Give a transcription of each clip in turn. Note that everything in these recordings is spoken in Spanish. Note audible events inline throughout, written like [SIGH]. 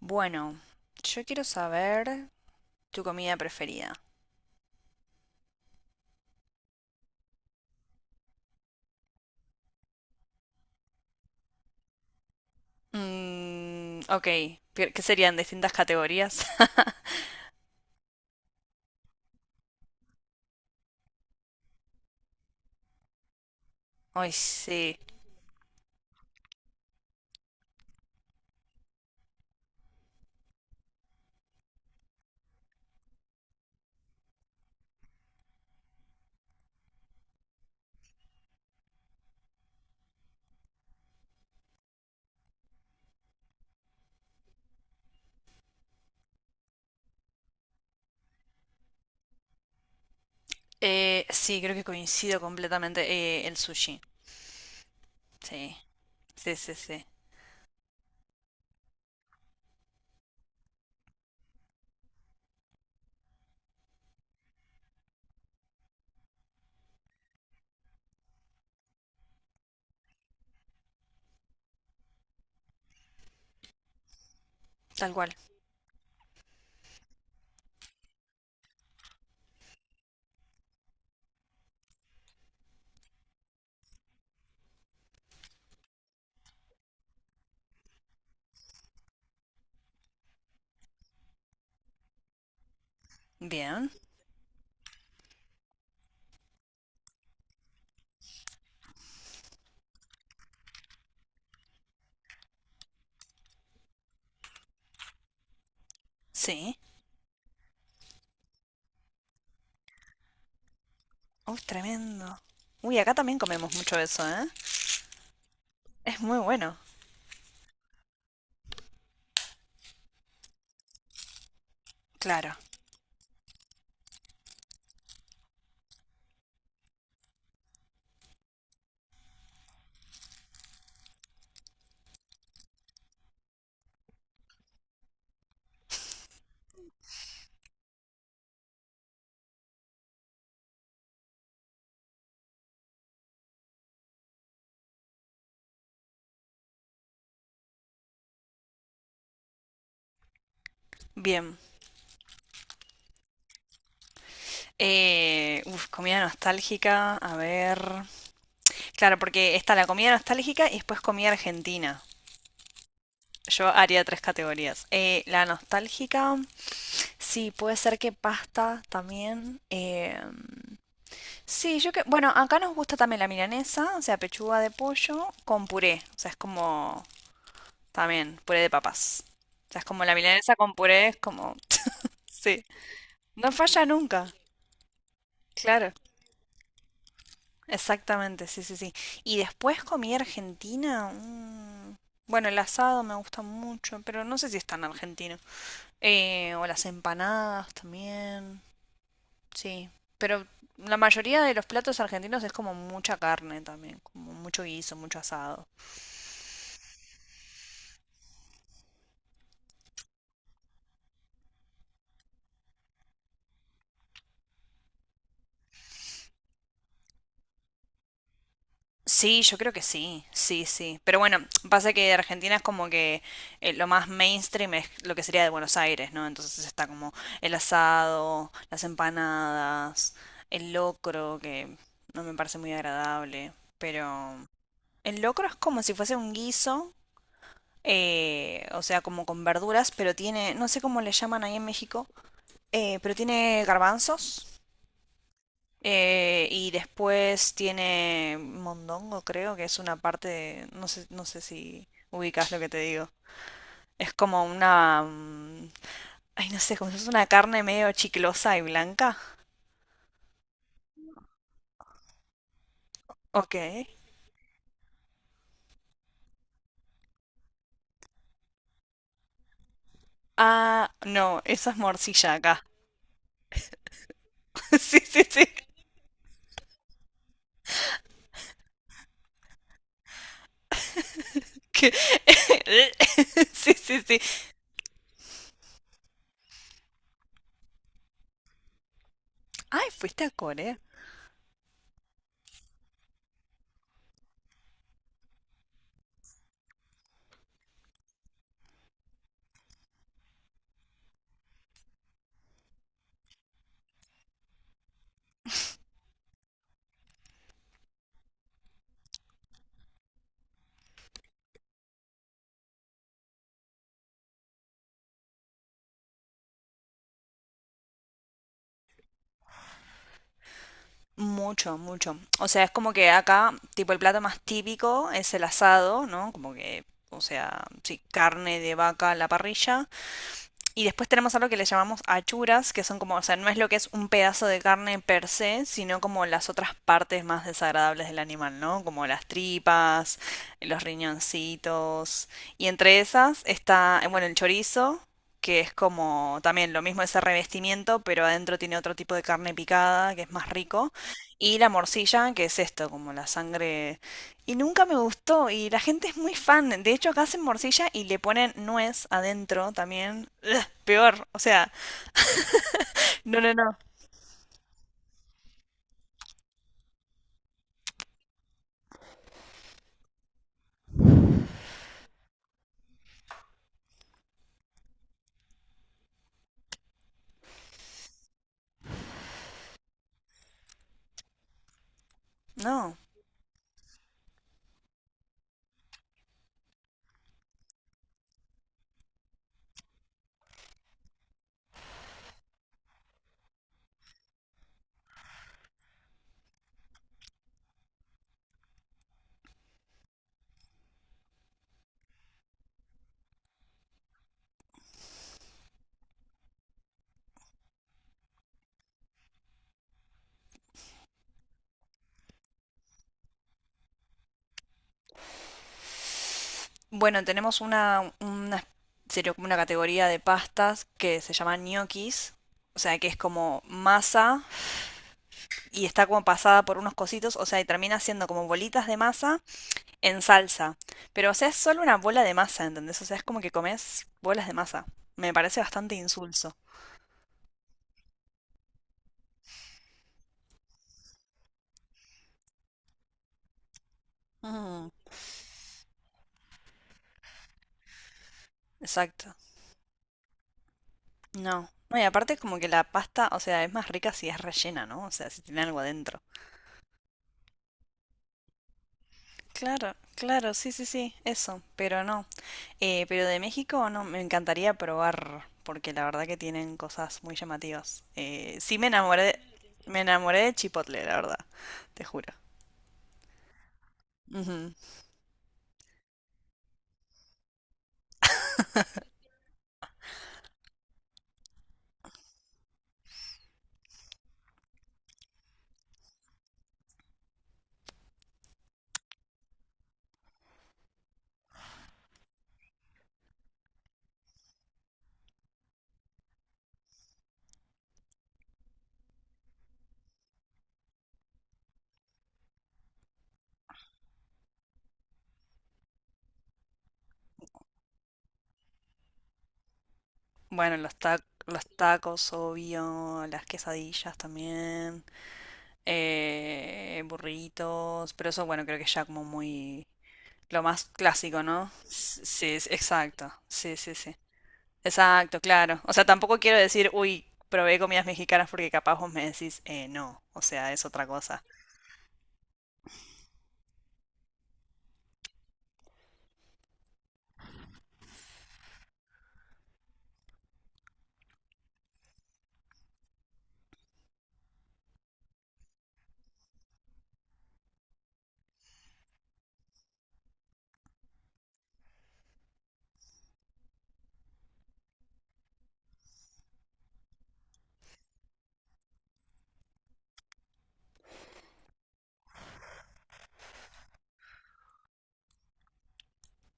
Bueno, yo quiero saber tu comida preferida. Mm, ok, ¿qué serían distintas categorías? [LAUGHS] Ay, sí. Sí, creo que coincido completamente. El sushi. Sí, sí, sí, sí. Tal cual. Bien. Sí. Uy, tremendo. Uy, acá también comemos mucho eso, ¿eh? Es muy bueno. Claro. Bien. Comida nostálgica. A ver. Claro, porque está la comida nostálgica y después comida argentina. Yo haría tres categorías. La nostálgica, sí, puede ser que pasta también. Sí, yo que... Bueno, acá nos gusta también la milanesa, o sea, pechuga de pollo con puré. O sea, es como también puré de papas. O sea, es como la milanesa con puré, es como... [LAUGHS] Sí, no falla nunca. Claro, exactamente, sí, sí, sí. Y después comí argentina. Bueno, el asado me gusta mucho, pero no sé si es tan argentino. O las empanadas también. Sí. Pero la mayoría de los platos argentinos es como mucha carne también, como mucho guiso, mucho asado. Sí, yo creo que sí, sí, sí. Pero bueno, pasa que Argentina es como que lo más mainstream es lo que sería de Buenos Aires, ¿no? Entonces está como el asado, las empanadas, el locro, que no me parece muy agradable, pero el locro es como si fuese un guiso o sea, como con verduras, pero tiene, no sé cómo le llaman ahí en México, pero tiene garbanzos y después tiene mondongo, creo que es una parte, de- no sé, no sé si ubicas lo que te digo. Es como una, mm, ay, no sé, como si es una carne medio chiclosa y blanca. Ok. Ah, no, esa es morcilla acá. [LAUGHS] Sí, sí, sí. que- [LAUGHS] Sí, sí, sí. Ay, fuiste a Corea. Mucho, mucho. O sea, es como que acá, tipo, el plato más típico es el asado, ¿no? Como que, o sea, sí, carne de vaca a la parrilla. Y después tenemos algo que le llamamos achuras, que son como, o sea, no es lo que es un pedazo de carne per se, sino como las otras partes más desagradables del animal, ¿no? Como las tripas, los riñoncitos. Y entre esas está, bueno, el chorizo, que es como también lo mismo ese revestimiento, pero adentro tiene otro tipo de carne picada, que es más rico. Y la morcilla, que es esto, como la sangre y nunca me gustó, y la gente es muy fan. De hecho, acá hacen morcilla y le ponen nuez adentro también. Ugh, peor, o sea, no, no, no. No. Bueno, tenemos una sería como una categoría de pastas que se llama ñoquis. O sea, que es como masa y está como pasada por unos cositos. O sea, y termina siendo como bolitas de masa en salsa. Pero, o sea, es solo una bola de masa, ¿entendés? O sea, es como que comes bolas de masa. Me parece bastante insulso. Mm. Exacto. No. No, y aparte es como que la pasta, o sea, es más rica si es rellena, ¿no? O sea, si tiene algo adentro. Claro, claro, sí, sí, sí, eso, pero no. Pero de México, no, me encantaría probar, porque la verdad que tienen cosas muy llamativas. Sí me enamoré de Chipotle, la verdad, te juro. Ujú. Bueno, los ta- los tacos, obvio, las quesadillas también, burritos, pero eso, bueno, creo que ya como muy... Lo más clásico, ¿no? S- Sí, es- exacto. Sí, sí, sí. Exacto, claro. O sea, tampoco quiero decir, uy, probé comidas mexicanas porque capaz vos me decís, no. O sea, es otra cosa.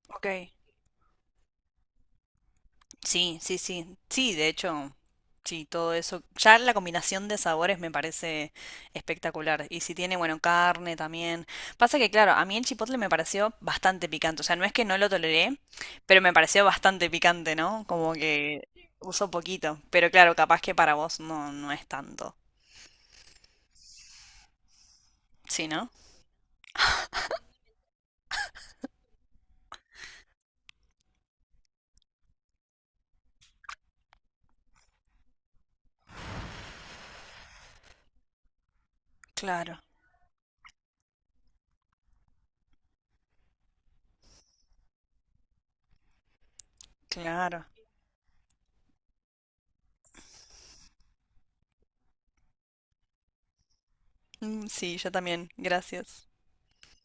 Ok. Sí, sí, sí. Sí, de hecho, sí, todo eso. Ya la combinación de sabores me parece espectacular. Y si tiene, bueno, carne también. Pasa que, claro, a mí el chipotle me pareció bastante picante. O sea, no es que no lo toleré, pero me pareció bastante picante, ¿no? Como que uso poquito. Pero claro, capaz que para vos no, no es tanto. ¿Sí, no? Claro, claro. Mm, sí, yo también. Gracias.